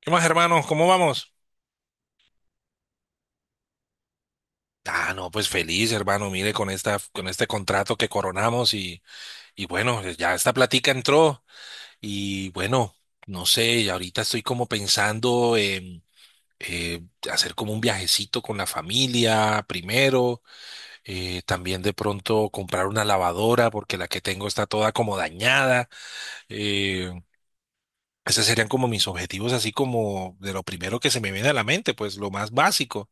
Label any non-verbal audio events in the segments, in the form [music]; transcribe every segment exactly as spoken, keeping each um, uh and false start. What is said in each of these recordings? ¿Qué más, hermano? ¿Cómo vamos? Ah, no, pues feliz, hermano. Mire, con esta, con este contrato que coronamos y, y bueno, ya esta platica entró y bueno, no sé, y ahorita estoy como pensando en eh, hacer como un viajecito con la familia primero, eh, también de pronto comprar una lavadora porque la que tengo está toda como dañada. eh, Esos serían como mis objetivos, así como de lo primero que se me viene a la mente, pues lo más básico.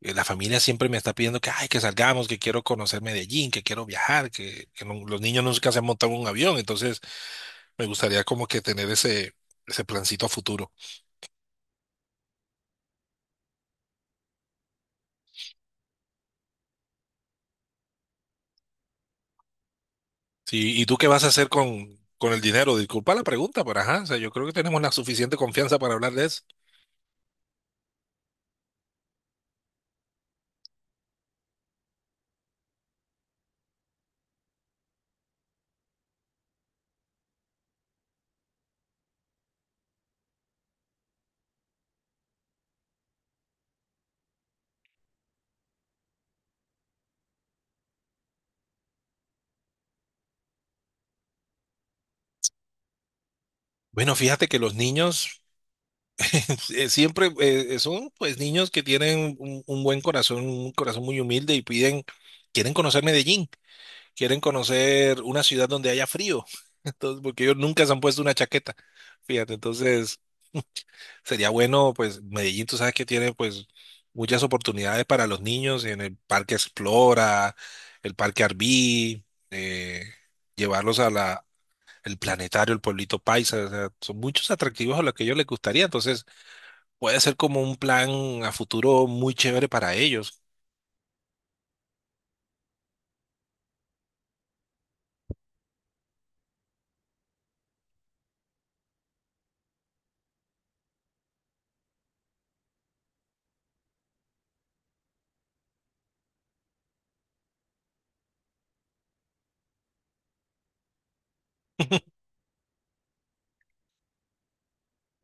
eh, La familia siempre me está pidiendo que, ay, que salgamos, que quiero conocer Medellín, que quiero viajar, que, que no- los niños nunca se han montado en un avión, entonces me gustaría como que tener ese, ese plancito a futuro. Sí, ¿y tú qué vas a hacer con, con el dinero? Disculpa la pregunta, pero ajá, o sea, yo creo que tenemos la suficiente confianza para hablar de eso. Bueno, fíjate que los niños [laughs] eh, siempre eh, son pues niños que tienen un, un buen corazón, un corazón muy humilde y piden, quieren conocer Medellín, quieren conocer una ciudad donde haya frío. Entonces, porque ellos nunca se han puesto una chaqueta. Fíjate, entonces [laughs] sería bueno, pues Medellín, tú sabes que tiene pues muchas oportunidades para los niños en el Parque Explora, el Parque Arví, eh, llevarlos a la, el planetario, el pueblito paisa, o sea, son muchos atractivos a los que a ellos les gustaría, entonces puede ser como un plan a futuro muy chévere para ellos.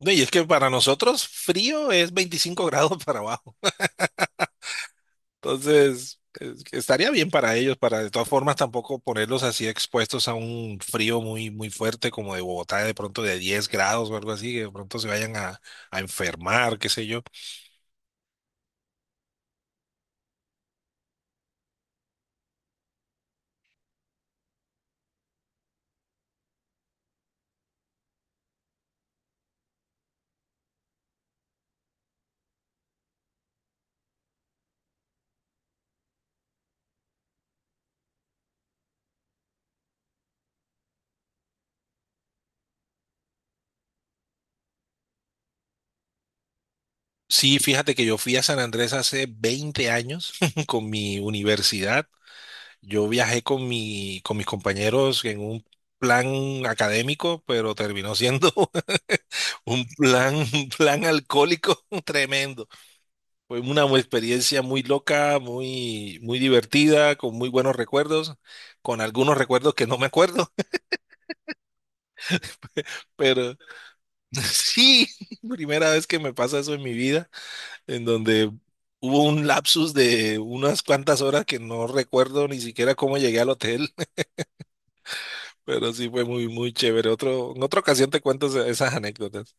No, y es que para nosotros frío es veinticinco [laughs] grados para abajo. Entonces, es- estaría bien para ellos, para de todas formas tampoco ponerlos así expuestos a un frío muy, muy fuerte como de Bogotá, de pronto de diez grados o algo así, que de pronto se vayan a, a enfermar, qué sé yo. Sí, fíjate que yo fui a San Andrés hace veinte años [laughs] con mi universidad. Yo viajé con mi, con mis compañeros en un plan académico, pero terminó siendo [laughs] un plan, un plan alcohólico [laughs] tremendo. Fue una mu- experiencia muy loca, muy, muy divertida, con muy buenos recuerdos, con algunos recuerdos que no me acuerdo, [laughs] pero [laughs] sí, [laughs] primera vez que me pasa eso en mi vida, en donde hubo un lapsus de unas cuantas horas que no recuerdo ni siquiera cómo llegué al hotel, [laughs] pero sí fue muy, muy chévere. Otro, en otra ocasión te cuento esa- esas anécdotas.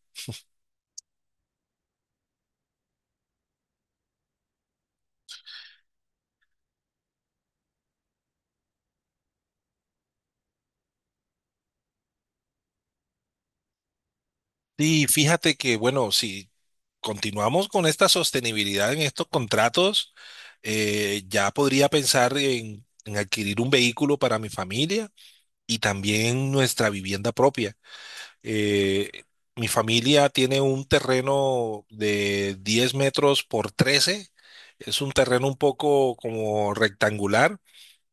Sí, fíjate que, bueno, si continuamos con esta sostenibilidad en estos contratos. Eh, ya podría pensar en, en adquirir un vehículo para mi familia y también nuestra vivienda propia. Eh, Mi familia tiene un terreno de diez metros por trece. Es un terreno un poco como rectangular,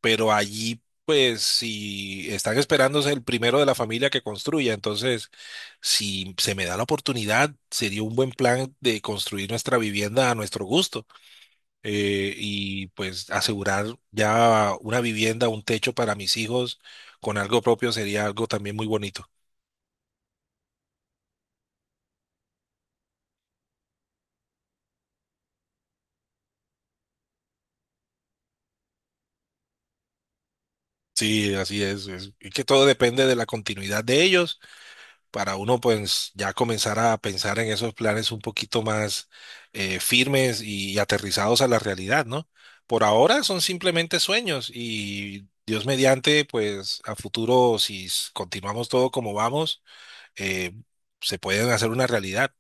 pero allí pues si están esperándose el primero de la familia que construya, entonces si se me da la oportunidad, sería un buen plan de construir nuestra vivienda a nuestro gusto eh, y pues asegurar ya una vivienda, un techo para mis hijos con algo propio sería algo también muy bonito. Sí, así es. Es es que todo depende de la continuidad de ellos para uno pues ya comenzar a pensar en esos planes un poquito más eh, firmes y aterrizados a la realidad, ¿no? Por ahora son simplemente sueños y Dios mediante pues a futuro si s- continuamos todo como vamos eh, se pueden hacer una realidad.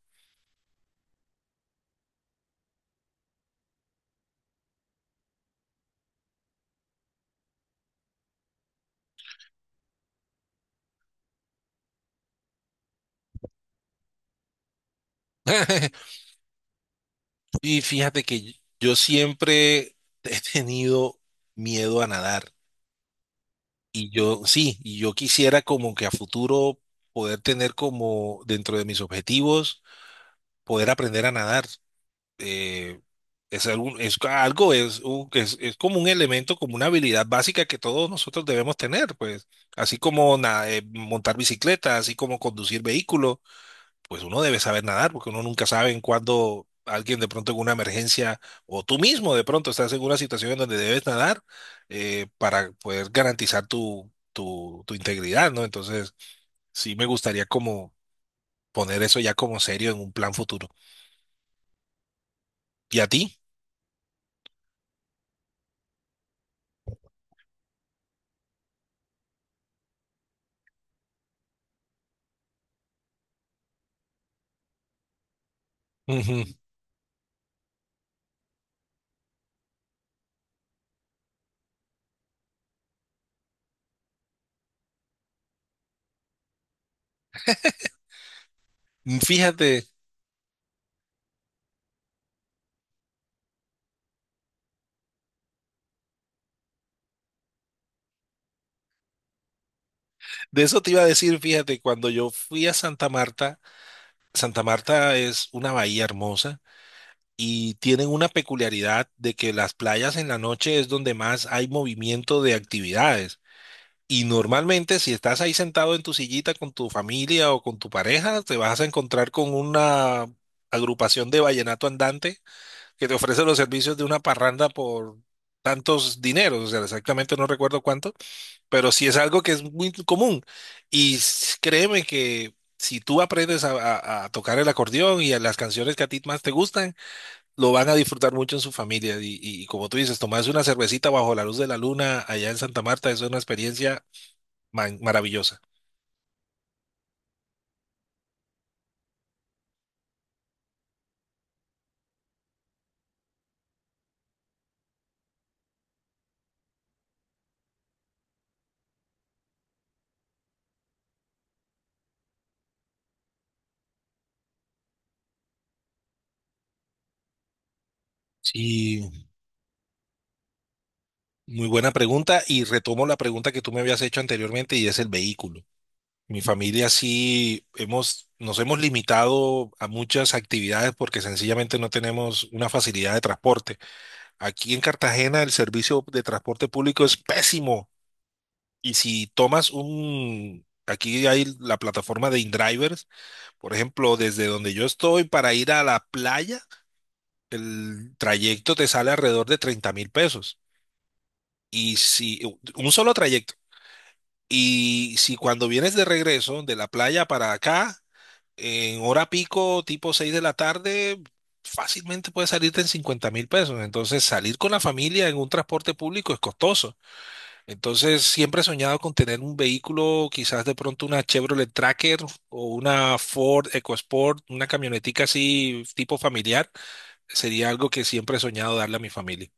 [laughs] Y fíjate que yo siempre [laughs] he tenido miedo a nadar. Y yo, sí, y yo quisiera como que a futuro poder tener como dentro de mis objetivos, poder aprender a nadar. Eh, es algún, es algo, es, un- es, es como un elemento, como una habilidad básica que todos nosotros debemos tener, pues, así como na- eh, montar bicicleta, así como conducir vehículos pues uno debe saber nadar, porque uno nunca sabe en cuándo alguien de pronto en una emergencia, o tú mismo de pronto estás en una situación en donde debes nadar eh, para poder garantizar tu, tu, tu integridad, ¿no? Entonces, sí me gustaría como poner eso ya como serio en un plan futuro. ¿Y a ti? Ujú. Fíjate, de eso te iba a decir, fíjate, cuando yo fui a Santa Marta, Santa Marta es una bahía hermosa y tienen una peculiaridad de que las playas en la noche es donde más hay movimiento de actividades. Y normalmente si estás ahí sentado en tu sillita con tu familia o con tu pareja, te vas a encontrar con una agrupación de vallenato andante que te ofrece los servicios de una parranda por tantos dineros, o sea, exactamente no recuerdo cuánto, pero sí es algo que es muy común. Y s- créeme que si tú aprendes a, a- a tocar el acordeón y a las canciones que a ti más te gustan, lo van a disfrutar mucho en su familia. Y, y como tú dices, tomarse una cervecita bajo la luz de la luna allá en Santa Marta, eso es una experiencia man- maravillosa. Sí, muy buena pregunta. Y retomo la pregunta que tú me habías hecho anteriormente y es el vehículo. Mi familia sí hemos, nos hemos limitado a muchas actividades porque sencillamente no tenemos una facilidad de transporte. Aquí en Cartagena el servicio de transporte público es pésimo. Y si tomas un, aquí hay la plataforma de InDriver, por ejemplo, desde donde yo estoy para ir a la playa, el trayecto te sale alrededor de treinta mil pesos. Y si, un solo trayecto. Y si cuando vienes de regreso de la playa para acá, en hora pico, tipo seis de la tarde, fácilmente puedes salirte en cincuenta mil pesos. Entonces, salir con la familia en un transporte público es costoso. Entonces, siempre he soñado con tener un vehículo, quizás de pronto una Chevrolet Tracker o una Ford EcoSport, una camionetica así tipo familiar. Sería algo que siempre he soñado darle a mi familia.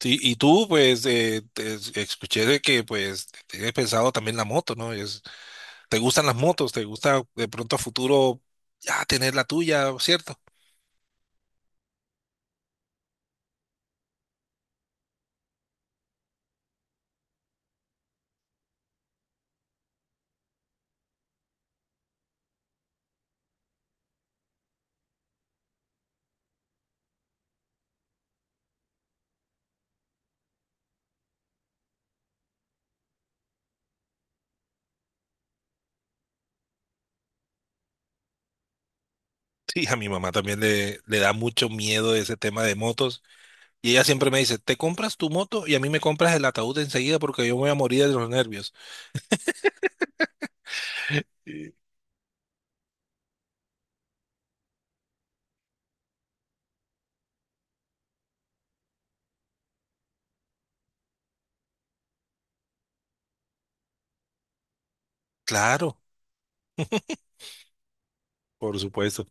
Sí, y tú, pues, eh, te- escuché de que, pues, tienes pensado también la moto, ¿no? Es- ¿te gustan las motos? ¿Te gusta de pronto a futuro ya tener la tuya, cierto? [laughs] Sí, a mi mamá también le, le da mucho miedo ese tema de motos. Y ella siempre me dice, te compras tu moto y a mí me compras el ataúd enseguida porque yo me voy a morir de los nervios. Claro, por supuesto.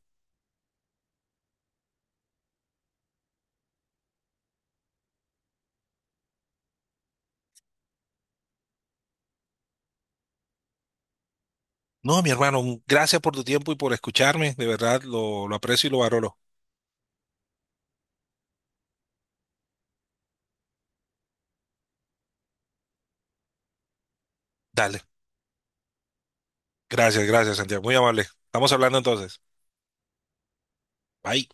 No, mi hermano, un- gracias por tu tiempo y por escucharme. De verdad, lo, lo aprecio y lo valoro. Dale. Gracias, gracias, Santiago. Muy amable. Estamos hablando entonces. Bye.